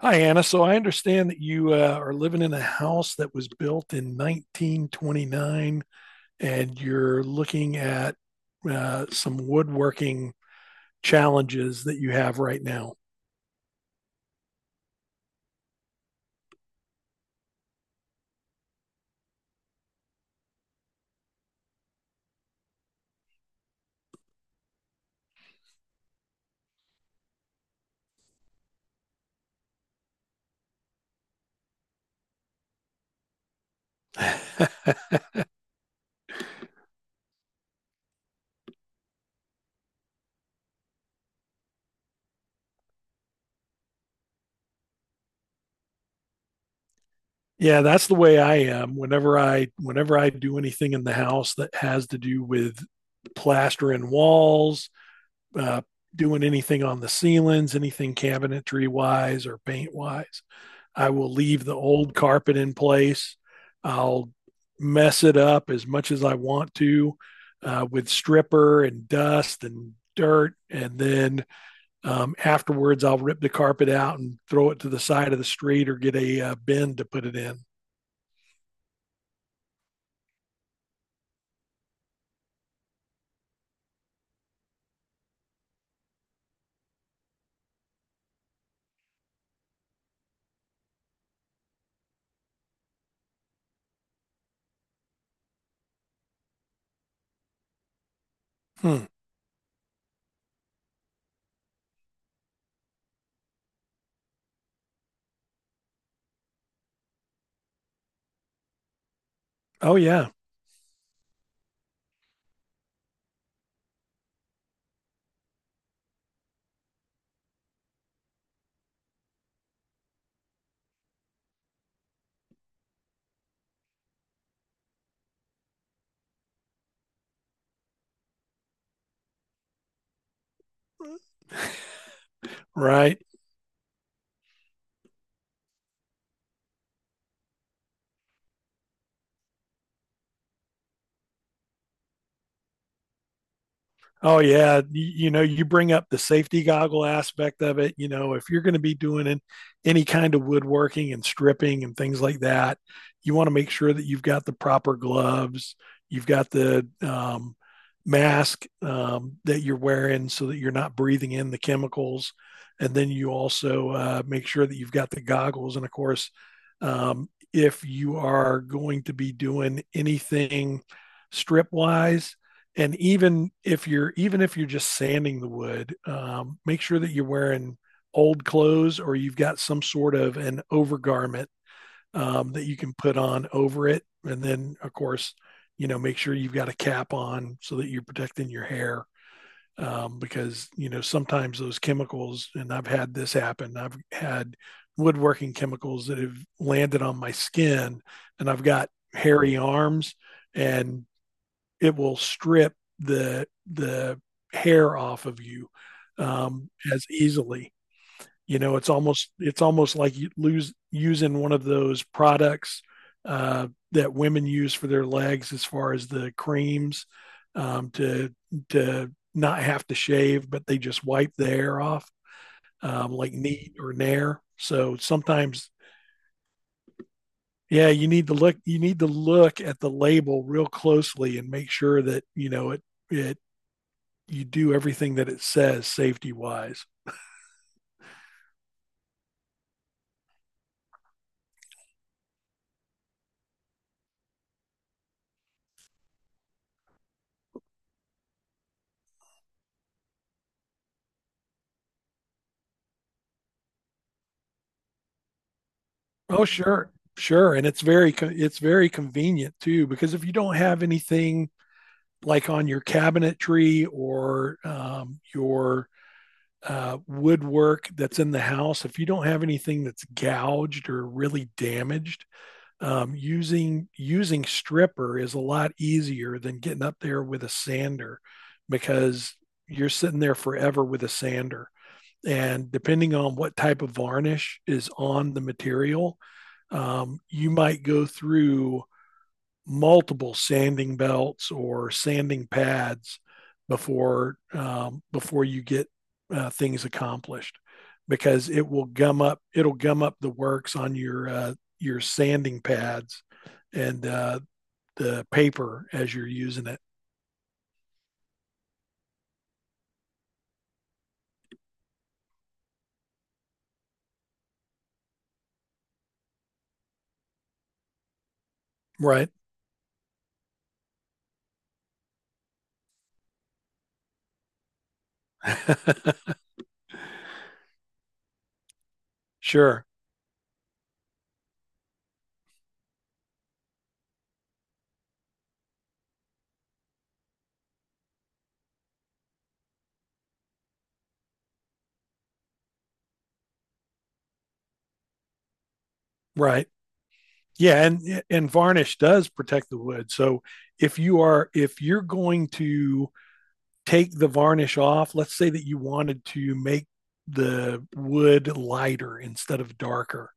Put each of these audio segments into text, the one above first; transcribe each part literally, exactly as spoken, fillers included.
Hi, Anna. So I understand that you uh, are living in a house that was built in nineteen twenty-nine, and you're looking at uh, some woodworking challenges that you have right now. Yeah, that's the way I am. Whenever I whenever I do anything in the house that has to do with plastering walls, uh, doing anything on the ceilings, anything cabinetry wise or paint wise, I will leave the old carpet in place. I'll mess it up as much as I want to uh, with stripper and dust and dirt. And then um, afterwards, I'll rip the carpet out and throw it to the side of the street or get a uh, bin to put it in. Hmm. Oh, yeah. Right. Oh yeah, you, you know, you bring up the safety goggle aspect of it. You know, if you're going to be doing an, any kind of woodworking and stripping and things like that, you want to make sure that you've got the proper gloves, you've got the um, mask um, that you're wearing so that you're not breathing in the chemicals, and then you also uh, make sure that you've got the goggles. And of course, um, if you are going to be doing anything strip wise, and even if you're even if you're just sanding the wood, um, make sure that you're wearing old clothes or you've got some sort of an overgarment um, that you can put on over it. And then of course, you know, make sure you've got a cap on so that you're protecting your hair, um, because, you know, sometimes those chemicals, and I've had this happen, I've had woodworking chemicals that have landed on my skin, and I've got hairy arms, and it will strip the the hair off of you, um, as easily. You know, it's almost it's almost like you lose using one of those products uh, that women use for their legs, as far as the creams, um, to to not have to shave, but they just wipe the hair off, um, like neat or Nair. So sometimes, yeah, you need to look, you need to look at the label real closely and make sure that you know it, it, you do everything that it says safety wise. Oh, sure, sure, and it's very it's very convenient too, because if you don't have anything like on your cabinetry or um, your uh, woodwork that's in the house, if you don't have anything that's gouged or really damaged, um, using using stripper is a lot easier than getting up there with a sander, because you're sitting there forever with a sander. And depending on what type of varnish is on the material, um, you might go through multiple sanding belts or sanding pads before um, before you get uh, things accomplished, because it will gum up it'll gum up the works on your uh, your sanding pads and uh, the paper as you're using it. Right. Sure. Right. Yeah, and and varnish does protect the wood. So if you are, if you're going to take the varnish off, let's say that you wanted to make the wood lighter instead of darker.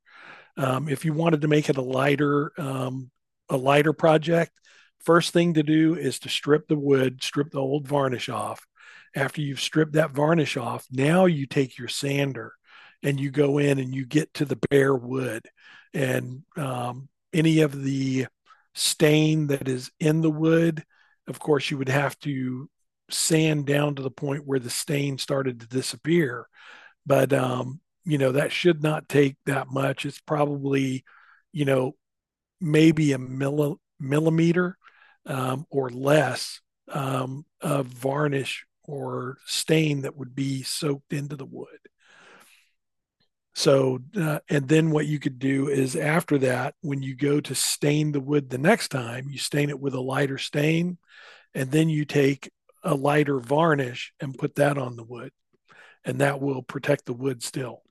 Um, if you wanted to make it a lighter, um, a lighter project, first thing to do is to strip the wood, strip the old varnish off. After you've stripped that varnish off, now you take your sander and you go in and you get to the bare wood and um, any of the stain that is in the wood. Of course, you would have to sand down to the point where the stain started to disappear, but um, you know, that should not take that much. It's probably, you know, maybe a milli- millimeter um, or less um, of varnish or stain that would be soaked into the wood. So, uh, and then what you could do is, after that, when you go to stain the wood the next time, you stain it with a lighter stain, and then you take a lighter varnish and put that on the wood, and that will protect the wood still.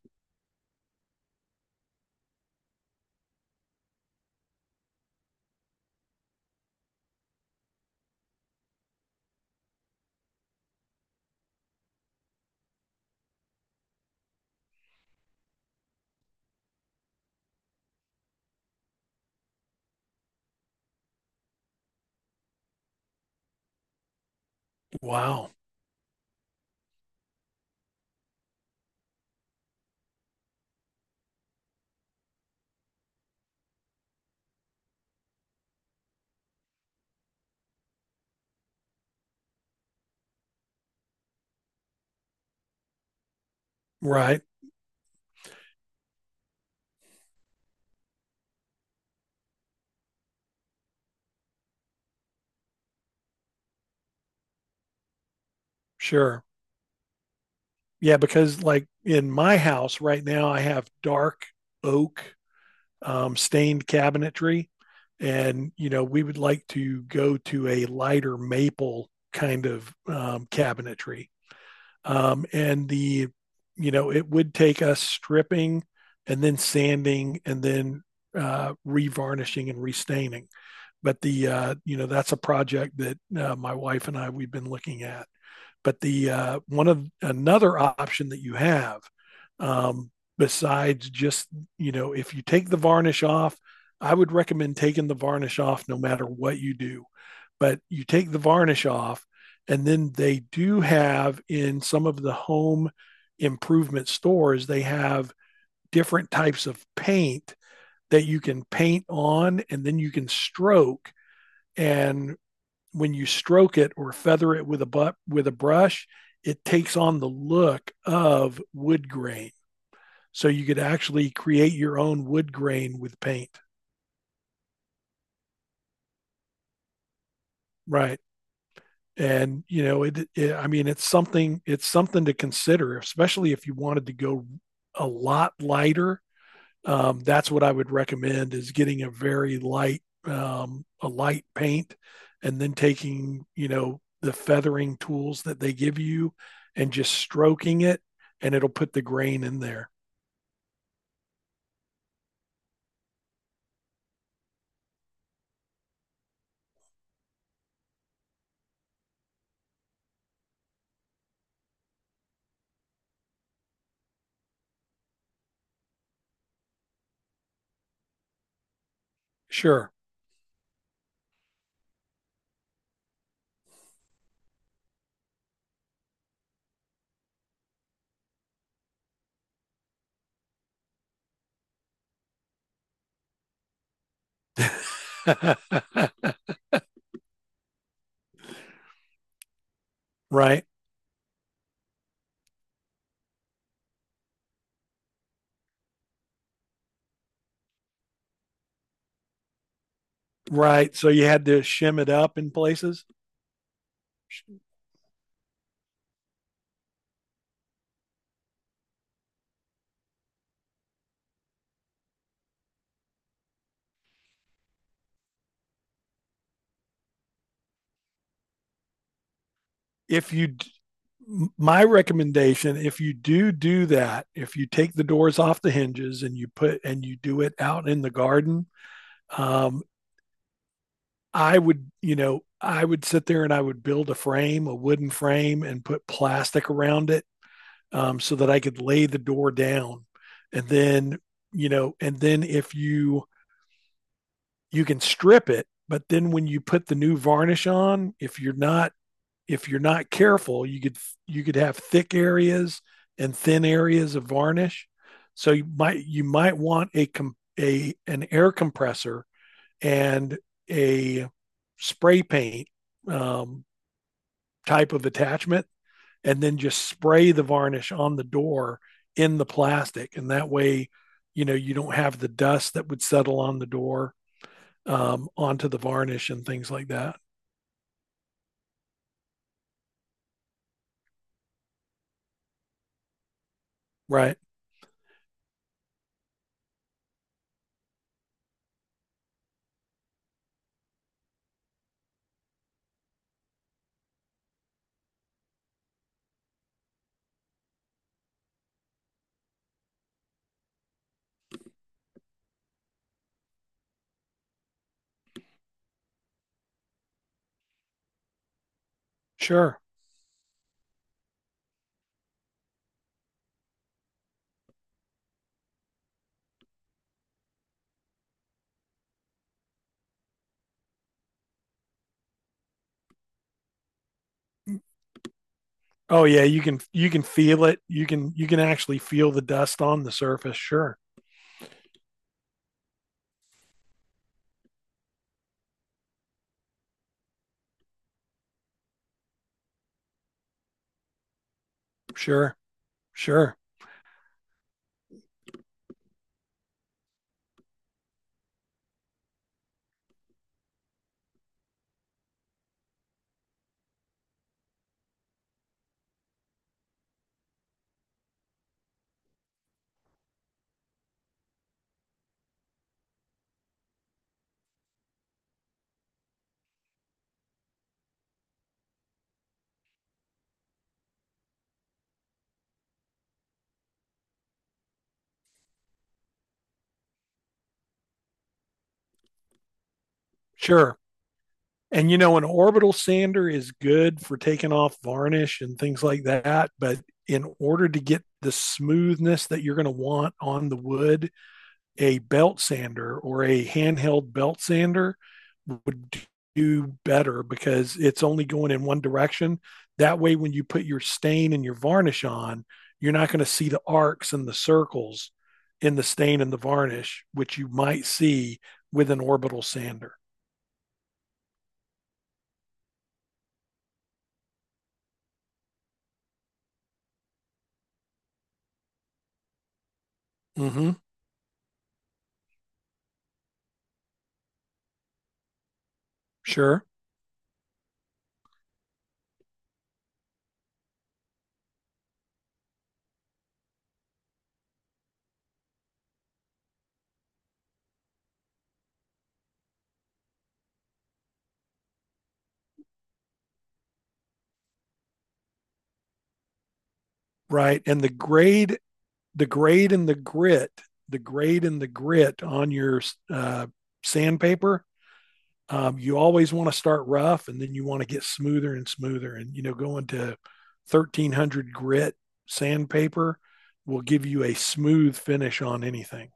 Wow. Right. Sure. Yeah, because like in my house right now, I have dark oak, um, stained cabinetry. And, you know, we would like to go to a lighter maple kind of, um, cabinetry. Um, and the, you know, it would take us stripping and then sanding and then uh, revarnishing and restaining. But the, uh, you know, that's a project that uh, my wife and I, we've been looking at. But the uh, one of, another option that you have, um, besides just, you know, if you take the varnish off, I would recommend taking the varnish off no matter what you do. But you take the varnish off, and then they do have, in some of the home improvement stores, they have different types of paint that you can paint on, and then you can stroke and when you stroke it or feather it with a but with a brush, it takes on the look of wood grain. So you could actually create your own wood grain with paint, right? And you know, it, it I mean, it's something it's something to consider, especially if you wanted to go a lot lighter, um, that's what I would recommend, is getting a very light, um, a light paint and then taking, you know, the feathering tools that they give you and just stroking it, and it'll put the grain in there. Sure. Right. Right. So you had to shim it up in places. If you, my recommendation, if you do do that, if you take the doors off the hinges and you put, and you do it out in the garden, um, I would, you know, I would sit there and I would build a frame, a wooden frame, and put plastic around it, um, so that I could lay the door down. And then, you know, and then if you, you can strip it, but then when you put the new varnish on, if you're not, if you're not careful, you could, you could have thick areas and thin areas of varnish. So you might you might want a com- a an air compressor and a spray paint, um, type of attachment, and then just spray the varnish on the door in the plastic. And that way, you know, you don't have the dust that would settle on the door, um, onto the varnish and things like that. Right. Sure. Oh yeah, you can you can feel it. You can you can actually feel the dust on the surface. Sure. Sure. Sure. Sure. And you know, an orbital sander is good for taking off varnish and things like that. But in order to get the smoothness that you're going to want on the wood, a belt sander or a handheld belt sander would do better, because it's only going in one direction. That way, when you put your stain and your varnish on, you're not going to see the arcs and the circles in the stain and the varnish, which you might see with an orbital sander. Mm-hmm. Sure. Right? And the grade, the grade and the grit, the grade and the grit on your uh, sandpaper, um, you always want to start rough and then you want to get smoother and smoother. And, you know, going to thirteen hundred grit sandpaper will give you a smooth finish on anything.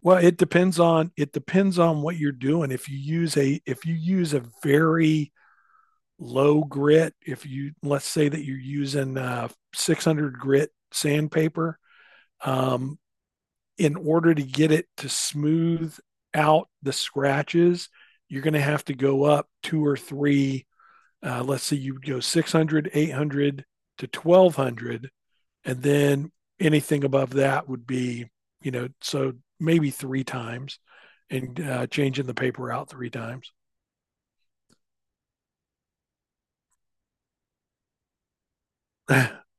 Well, it depends on it depends on what you're doing. If you use a if you use a very low grit, if you, let's say that you're using uh, six hundred grit sandpaper, um, in order to get it to smooth out the scratches, you're going to have to go up two or three. Uh, let's say you would go six hundred, eight hundred to twelve hundred. And then anything above that would be, you know, so maybe three times, and uh, changing the paper out three times.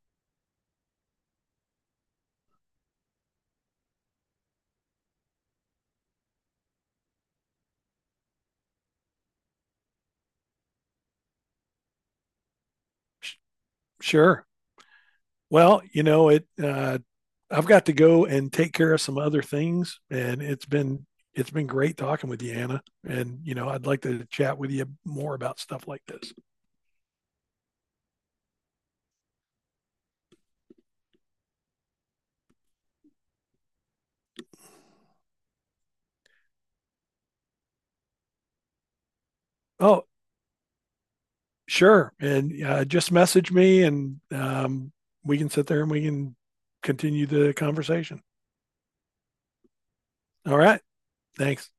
Sure. Well, you know, it uh, I've got to go and take care of some other things, and it's been, it's been great talking with you, Anna. And you know, I'd like to chat with you more about stuff like this. Oh, sure. And uh, just message me, and um, we can sit there and we can continue the conversation. All right. Thanks.